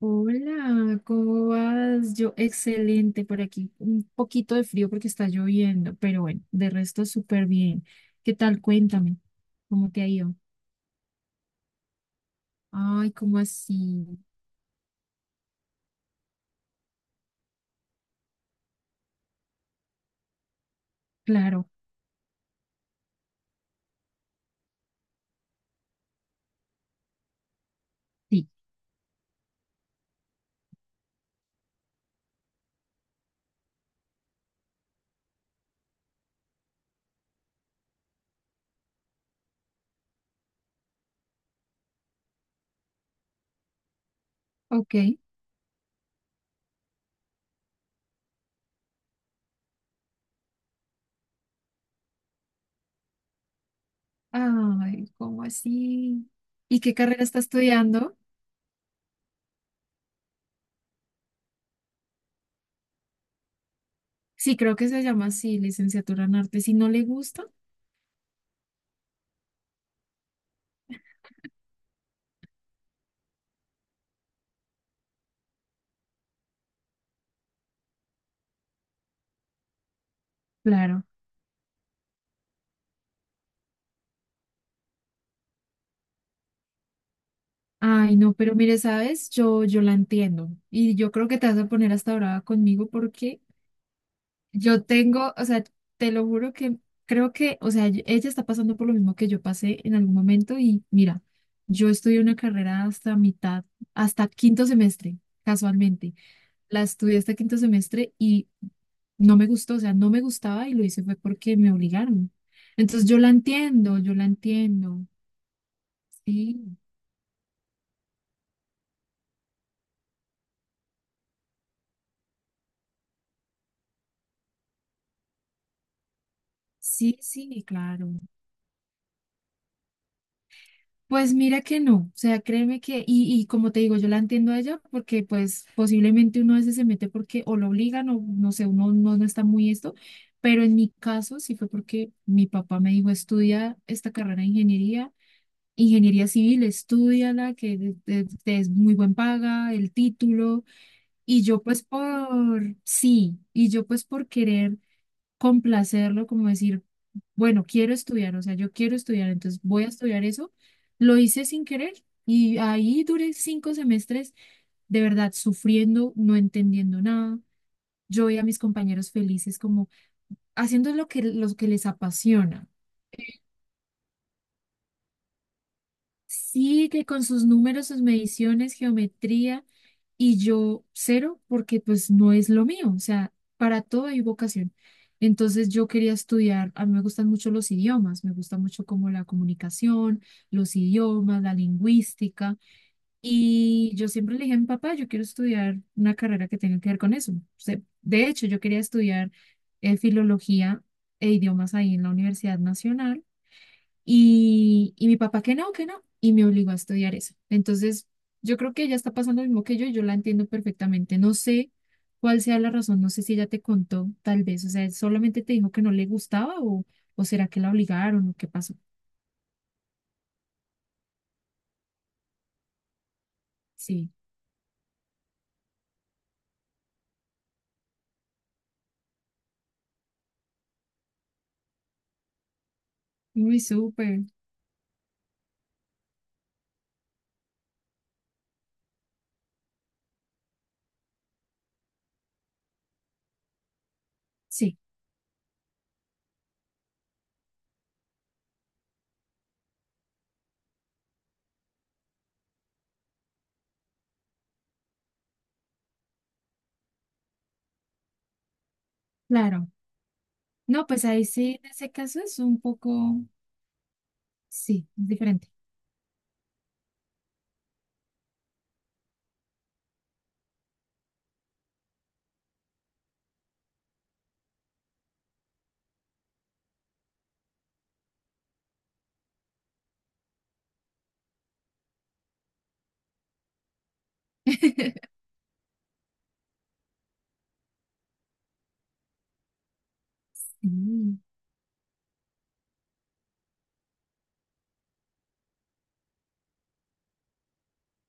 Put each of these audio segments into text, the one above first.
Hola, ¿cómo vas? Yo, excelente por aquí. Un poquito de frío porque está lloviendo, pero bueno, de resto súper bien. ¿Qué tal? Cuéntame, ¿cómo te ha ido? Ay, ¿cómo así? Claro, sí. Ok. Ay, ¿cómo así? ¿Y qué carrera está estudiando? Sí, creo que se llama así, licenciatura en arte. Si no le gusta, claro. Ay, no, pero mire, ¿sabes? Yo la entiendo. Y yo creo que te vas a poner hasta brava conmigo porque yo tengo, o sea, te lo juro que creo que, o sea, ella está pasando por lo mismo que yo pasé en algún momento y mira, yo estudié una carrera hasta mitad, hasta quinto semestre, casualmente. La estudié hasta quinto semestre y no me gustó, o sea, no me gustaba y lo hice fue porque me obligaron. Entonces yo la entiendo, yo la entiendo. Sí, sí, sí, claro. Pues mira que no, o sea, créeme que, y como te digo, yo la entiendo a ella porque pues posiblemente uno a veces se mete porque o lo obligan o no sé, uno no, no está muy esto, pero en mi caso sí fue porque mi papá me dijo, estudia esta carrera de ingeniería, ingeniería civil, estúdiala, que te es muy buen paga, el título, y yo pues por, sí, y yo pues por querer complacerlo, como decir, bueno, quiero estudiar, o sea, yo quiero estudiar, entonces voy a estudiar eso. Lo hice sin querer y ahí duré 5 semestres de verdad sufriendo, no entendiendo nada. Yo veía a mis compañeros felices como haciendo lo que les apasiona. Sí, que con sus números, sus mediciones, geometría, y yo cero, porque pues no es lo mío, o sea, para todo hay vocación. Entonces yo quería estudiar, a mí me gustan mucho los idiomas, me gusta mucho como la comunicación, los idiomas, la lingüística, y yo siempre le dije a mi papá, yo quiero estudiar una carrera que tenga que ver con eso. O sea, de hecho, yo quería estudiar filología e idiomas ahí en la Universidad Nacional y mi papá que no, y me obligó a estudiar eso. Entonces, yo creo que ella está pasando lo mismo que yo y yo la entiendo perfectamente. No sé cuál sea la razón, no sé si ella te contó, tal vez, o sea, solamente te dijo que no le gustaba o será que la obligaron o qué pasó. Sí, muy súper. Sí, claro. No, pues ahí sí, en ese caso es un poco, sí, es diferente. Sí.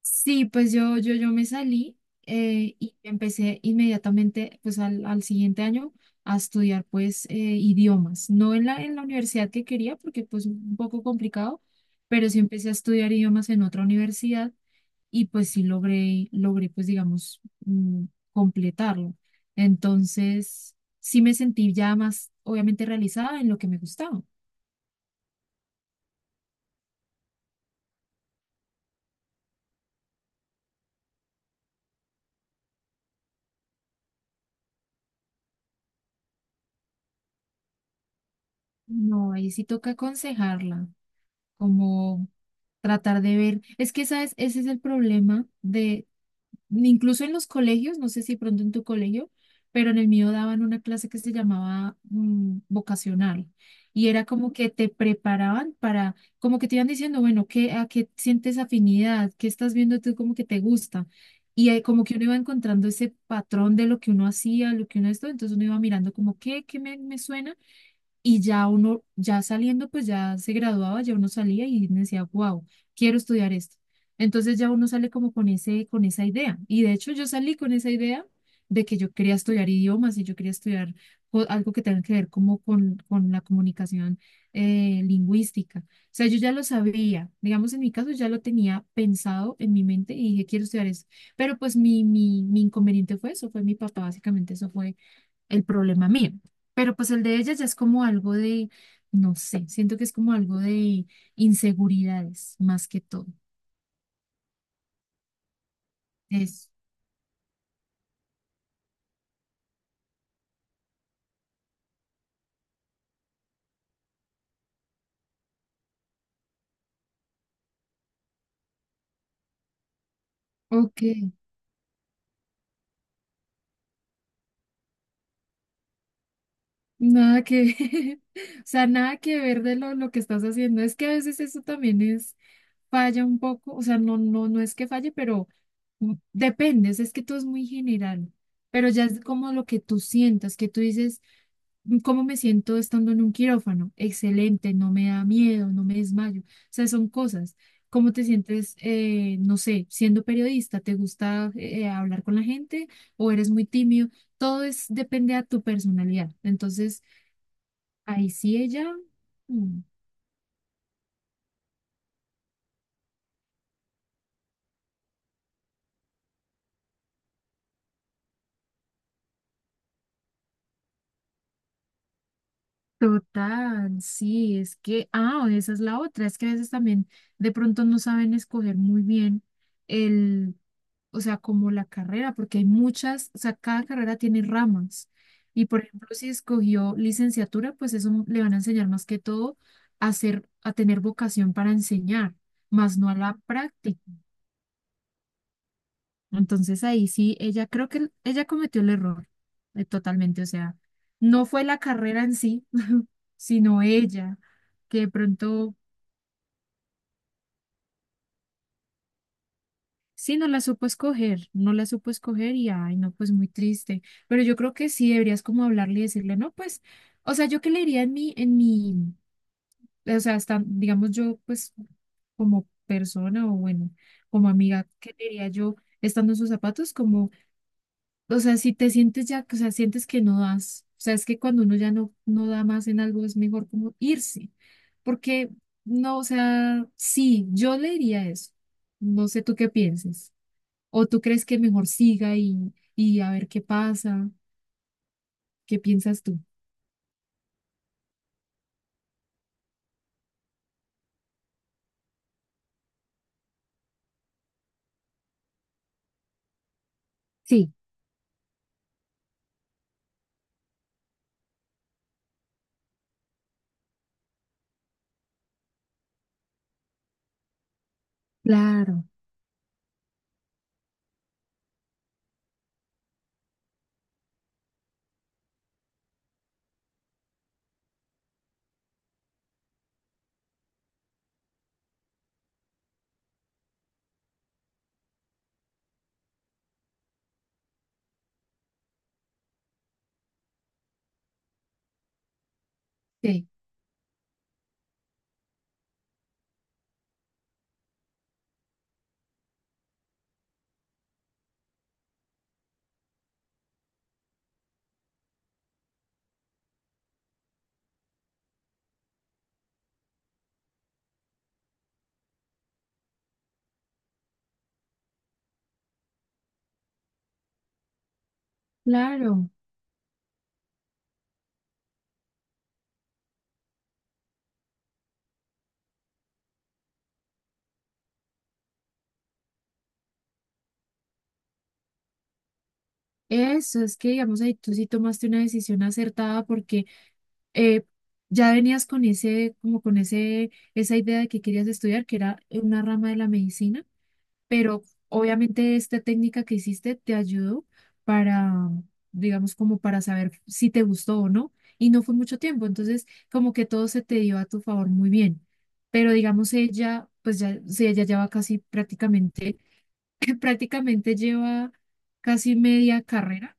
Sí, pues yo, yo me salí y empecé inmediatamente, pues al siguiente año, a estudiar pues idiomas. No en la, en la universidad que quería, porque pues un poco complicado, pero sí empecé a estudiar idiomas en otra universidad y pues sí logré, logré pues digamos mm, completarlo. Entonces sí me sentí ya más obviamente realizada en lo que me gustaba. No, ahí sí toca aconsejarla. Como tratar de ver. Es que, ¿sabes? Ese es el problema incluso en los colegios, no sé si pronto en tu colegio, pero en el mío daban una clase que se llamaba vocacional. Y era como que te preparaban para, como que te iban diciendo, bueno, ¿qué, a qué sientes afinidad? ¿Qué estás viendo tú como que te gusta? Y como que uno iba encontrando ese patrón de lo que uno hacía, lo que uno esto, entonces uno iba mirando como, ¿qué me suena? Y ya uno, ya saliendo, pues ya se graduaba, ya uno salía y decía, wow, quiero estudiar esto. Entonces ya uno sale como con ese, con esa idea. Y de hecho yo salí con esa idea de que yo quería estudiar idiomas y yo quería estudiar algo que tenga que ver como con la comunicación lingüística. O sea, yo ya lo sabía, digamos en mi caso ya lo tenía pensado en mi mente y dije, quiero estudiar esto. Pero pues mi inconveniente fue eso, fue mi papá, básicamente eso el problema mío. Pero pues el de ella ya es como algo de, no sé, siento que es como algo de inseguridades más que todo. Eso. Ok, nada que, o sea, nada que ver de lo que estás haciendo. Es que a veces eso también es, falla un poco, o sea, no, no, no es que falle, pero depende, o sea, es que todo es muy general, pero ya es como lo que tú sientas, que tú dices, ¿cómo me siento estando en un quirófano? Excelente, no me da miedo, no me desmayo. O sea, son cosas. ¿Cómo te sientes, no sé, siendo periodista? ¿Te gusta hablar con la gente o eres muy tímido? Todo es, depende a tu personalidad. Entonces, ahí sí ella, mm, total, sí, es que, ah, esa es la otra, es que a veces también de pronto no saben escoger muy bien el, o sea, como la carrera, porque hay muchas, o sea, cada carrera tiene ramas. Y por ejemplo, si escogió licenciatura, pues eso le van a enseñar más que todo a ser, a tener vocación para enseñar, más no a la práctica. Entonces ahí sí, ella creo que ella cometió el error totalmente, o sea, no fue la carrera en sí, sino ella, que de pronto sí no la supo escoger, no la supo escoger y ay, no, pues muy triste, pero yo creo que sí deberías como hablarle y decirle, no, pues, o sea, yo qué le diría en mi, o sea, hasta, digamos yo, pues, como persona o bueno, como amiga, ¿qué le diría yo estando en sus zapatos? Como, o sea, si te sientes ya, o sea, sientes que no das, o sea, es que cuando uno ya no, no da más en algo es mejor como irse, porque no, o sea, sí, yo le diría eso, no sé tú qué pienses, o tú crees que mejor siga y a ver qué pasa, qué piensas tú. Sí, claro. Sí, claro, eso es que digamos ahí tú sí tomaste una decisión acertada porque eh, ya venías con ese, como con ese, esa idea de que querías estudiar, que era una rama de la medicina, pero obviamente esta técnica que hiciste te ayudó para, digamos, como para saber si te gustó o no, y no fue mucho tiempo, entonces como que todo se te dio a tu favor muy bien, pero digamos ella, pues ya, sí, ella lleva casi prácticamente, prácticamente lleva casi media carrera,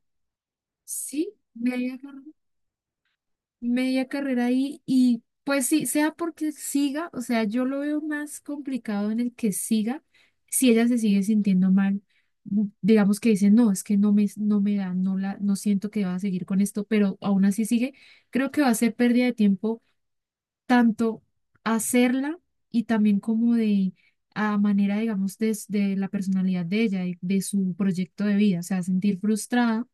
sí, media carrera ahí y pues sí, sea porque siga, o sea, yo lo veo más complicado en el que siga, si ella se sigue sintiendo mal, digamos que dice, no, es que no me da, no la, no siento que va a seguir con esto, pero aún así sigue, creo que va a ser pérdida de tiempo tanto hacerla y también como de a manera, digamos, de, la personalidad de ella, de su proyecto de vida, o sea, sentir frustrada,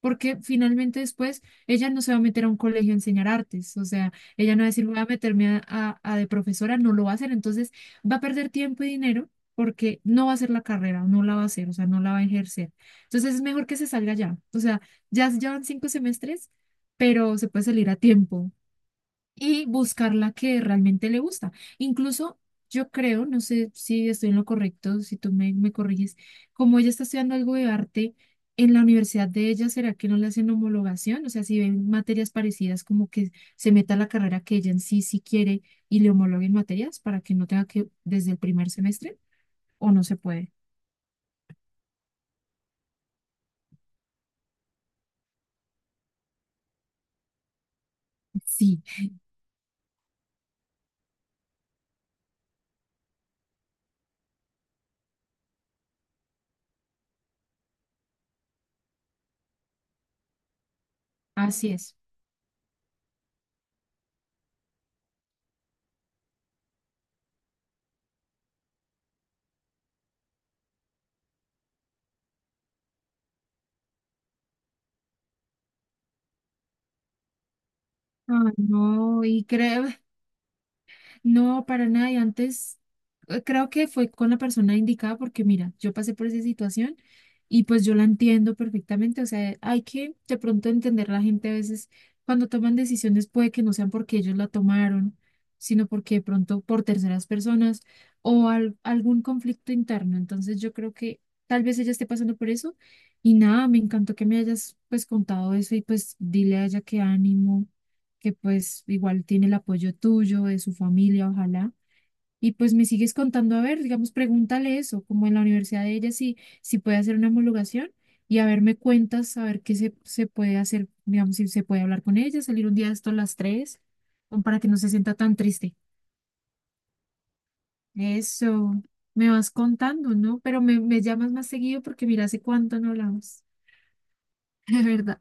porque finalmente después ella no se va a meter a un colegio a enseñar artes, o sea, ella no va a decir, voy a meterme a de profesora, no lo va a hacer, entonces va a perder tiempo y dinero porque no va a hacer la carrera, no la va a hacer, o sea, no la va a ejercer. Entonces es mejor que se salga ya, o sea, ya llevan 5 semestres, pero se puede salir a tiempo y buscar la que realmente le gusta. Incluso yo creo, no sé si estoy en lo correcto, si tú me corriges, como ella está estudiando algo de arte en la universidad de ella, ¿será que no le hacen homologación? O sea, si ven materias parecidas, como que se meta a la carrera que ella en sí sí quiere y le homologuen materias para que no tenga que desde el primer semestre o no se puede. Sí, así es. Ay, no, y creo, no, para nada. Y antes creo que fue con la persona indicada porque mira, yo pasé por esa situación y pues yo la entiendo perfectamente. O sea, hay que de pronto entender la gente a veces cuando toman decisiones puede que no sean porque ellos la tomaron, sino porque de pronto por terceras personas o algún conflicto interno. Entonces yo creo que tal vez ella esté pasando por eso. Y nada, me encantó que me hayas pues contado eso y pues dile a ella que ánimo que pues igual tiene el apoyo tuyo, de su familia, ojalá. Y pues me sigues contando, a ver, digamos, pregúntale eso, como en la universidad de ella, si, si puede hacer una homologación y a ver, me cuentas, a ver qué se, se puede hacer, digamos, si se puede hablar con ella, salir un día de esto a las 3, como para que no se sienta tan triste. Eso, me vas contando, ¿no? Pero me llamas más seguido porque mira, hace cuánto no hablamos, de verdad.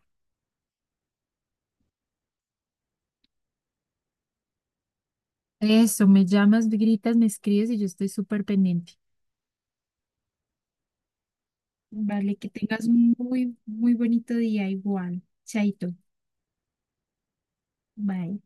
Eso, me llamas, me gritas, me escribes y yo estoy súper pendiente. Vale, que tengas un muy, muy bonito día igual. Chaito. Bye.